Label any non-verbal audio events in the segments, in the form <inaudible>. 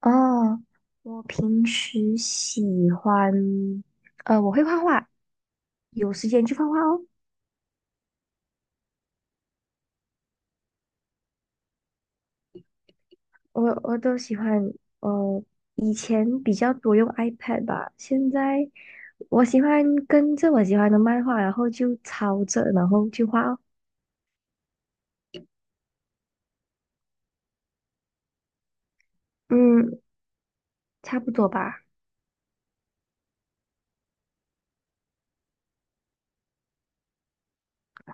哦，我平时喜欢，我会画画，有时间就画画哦。我都喜欢，呃，以前比较多用 iPad 吧，现在我喜欢跟着我喜欢的漫画，然后就抄着，然后去画哦。嗯，差不多吧。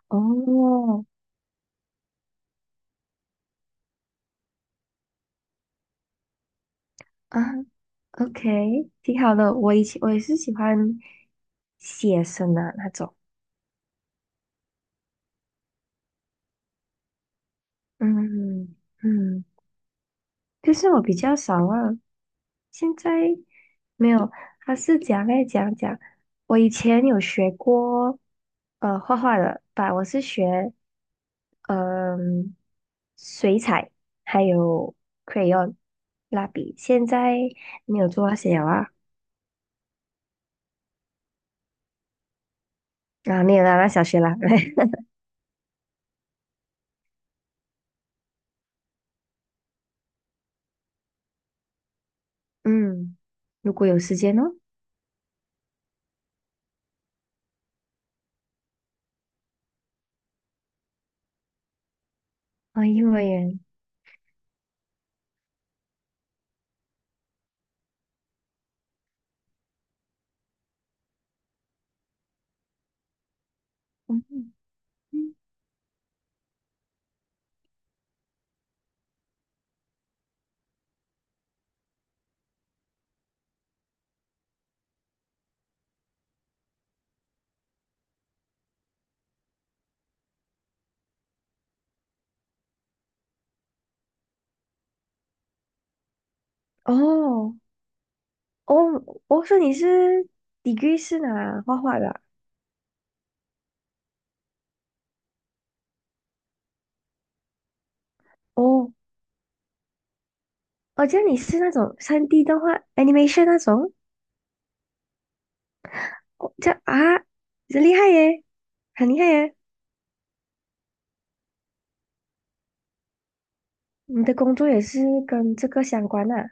哦，啊，OK，挺好的。我以前我也是喜欢写生的那种。嗯嗯。可是我比较少啊，现在没有。他是讲来讲讲，我以前有学过画画的吧，我是学嗯、水彩还有 crayon 蜡笔，现在没有做那些了啊。啊，没有啦，那小学啦。<laughs> 嗯，如果有时间哦。啊，幼儿园。嗯嗯。哦哦，我说你是 degree 是哪画画的啊？哦。哦，这样你是那种3D 动画 animation 那种？哦，这样啊，这厉害耶，很厉害耶！你的工作也是跟这个相关啊，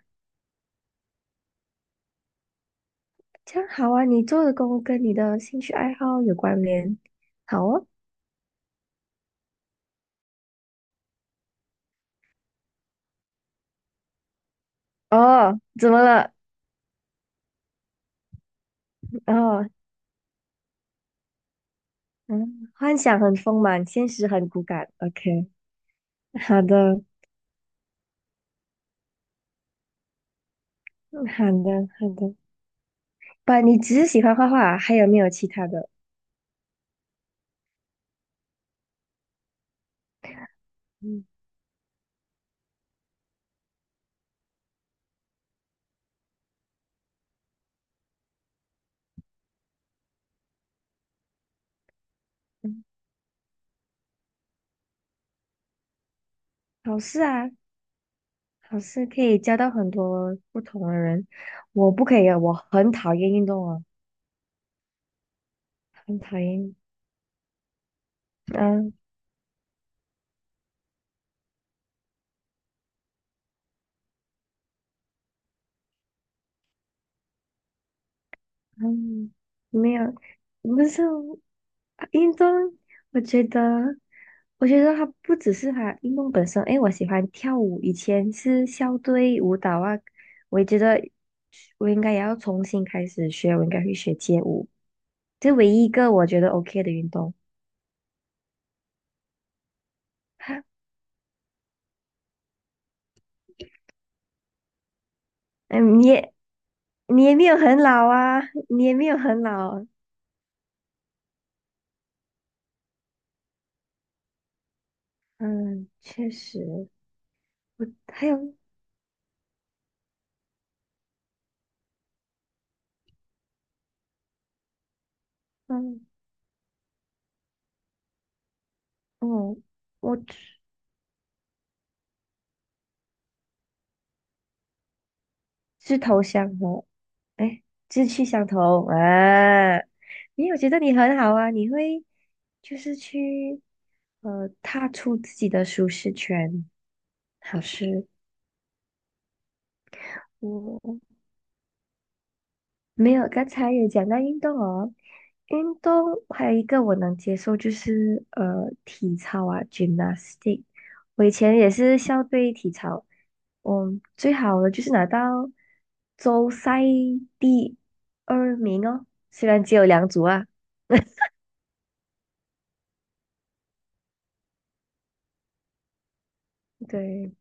这样好啊，你做的工跟你的兴趣爱好有关联，好哦。哦，怎么了？哦，嗯，幻想很丰满，现实很骨感。OK，好的，好的，好的。不，你只是喜欢画画啊还有没有其他的？嗯嗯，好事啊。老师可以交到很多不同的人，我不可以，啊，我很讨厌运动啊，很讨厌。嗯嗯，没有，不是运动，我觉得，我觉得它不只是它运动本身，诶，我喜欢跳舞，以前是校队舞蹈啊，我也觉得我应该也要重新开始学，我应该会学街舞，这唯一一个我觉得 OK 的运动。<laughs> 嗯，你也没有很老啊，你也没有很老。嗯，确实。我还有，嗯，哦，我志志头相头，哎，志趣相投啊！你有觉得你很好啊？你会就是去踏出自己的舒适圈，好事。我没有，刚才有讲到运动哦，运动还有一个我能接受就是体操啊，gymnastic。我以前也是校队体操，嗯，最好的就是拿到州赛第二名哦，虽然只有两组啊。对，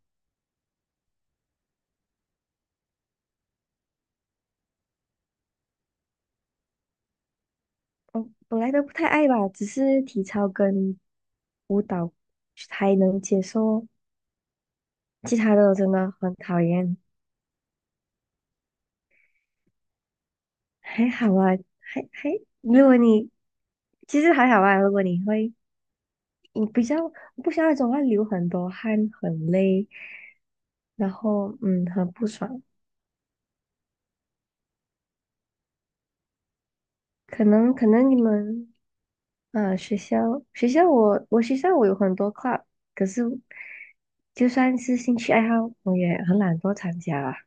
我本来都不太爱吧，只是体操跟舞蹈还能接受，其他的我真的很讨厌。还好啊，还还，如果你其实还好啊，如果你会，你比较不像那种会流很多汗、很累，然后很不爽。可能你们学校我有很多课，可是就算是兴趣爱好，我也很懒惰参加啊。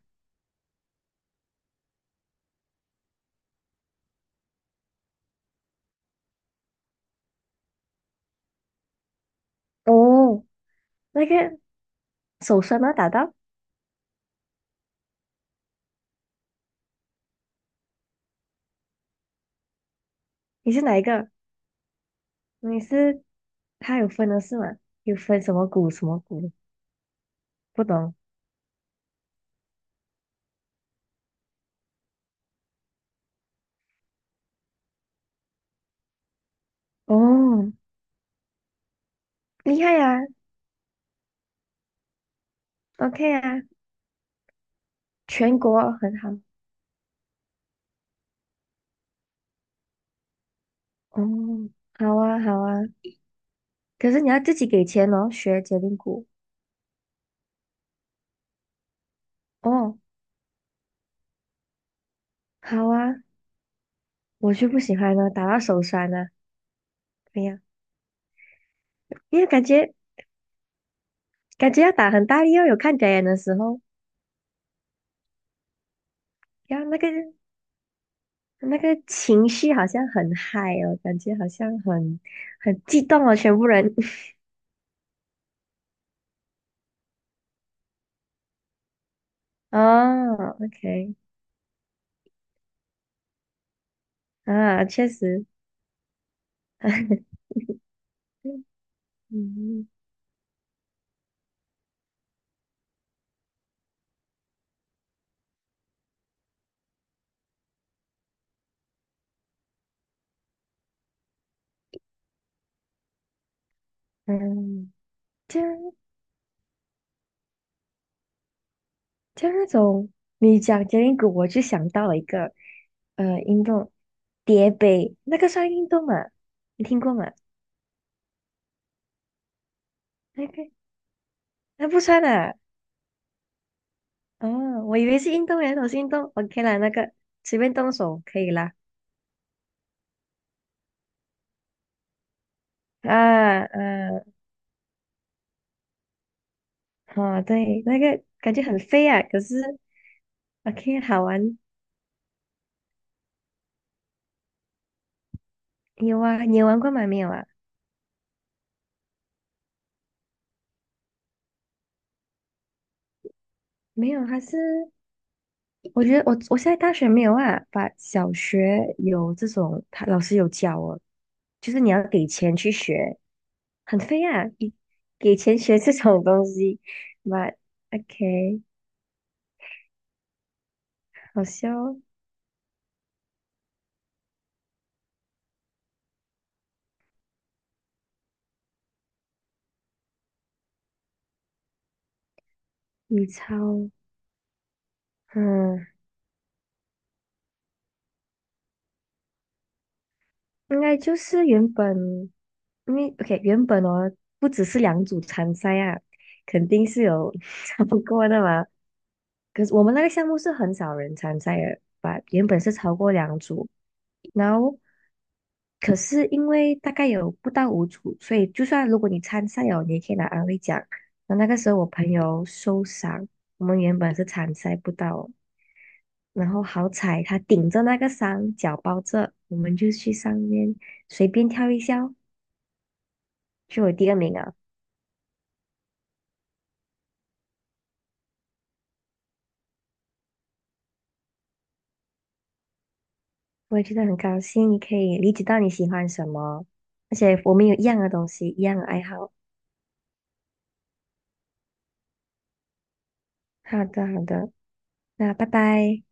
哦，那个手酸吗？打到你是哪一个？你是他有分的是吗？有分什么鼓什么鼓？不懂。哦，厉害呀，OK 啊，全国很好。哦，好啊，好啊，可是你要自己给钱哦，学结冰鼓。哦，好啊，我就不喜欢呢，打到手酸呢，怎么样？因为感觉要打很大力哦，有看表演的时候，然后那个情绪好像很嗨哦，感觉好像很激动哦，全部人。<laughs> 哦，OK，啊，确实。<laughs> 嗯嗯。这，就那种你讲杰林谷，我就想到了一个运动，叠杯，那个算运动吗？你听过吗？那个，那不算啊。哦，我以为是运动员，我是运动，OK 啦，那个随便动手可以啦。啊，啊，哦，对，那个感觉很飞啊，可是 OK 好玩。你有啊？你有玩过吗？没有啊？没有，它是。我觉得我现在大学没有啊，把小学有这种，他老师有教哦，就是你要给钱去学，很费啊，给钱学这种东西。<laughs> But OK，好笑哦。你超，嗯。应该就是原本，因为 OK 原本哦，不只是两组参赛啊，肯定是有 <laughs> 超过的嘛。可是我们那个项目是很少人参赛的，把原本是超过两组，然后可是因为大概有不到五组，所以就算如果你参赛哦，你也可以拿安慰奖。那那个时候我朋友受伤，我们原本是参赛不到，然后好彩他顶着那个山，脚包着，我们就去上面随便跳一下哦就有第二名啊！我也觉得很高兴，你可以理解到你喜欢什么，而且我们有一样的东西，一样的爱好。好的，好的，那拜拜。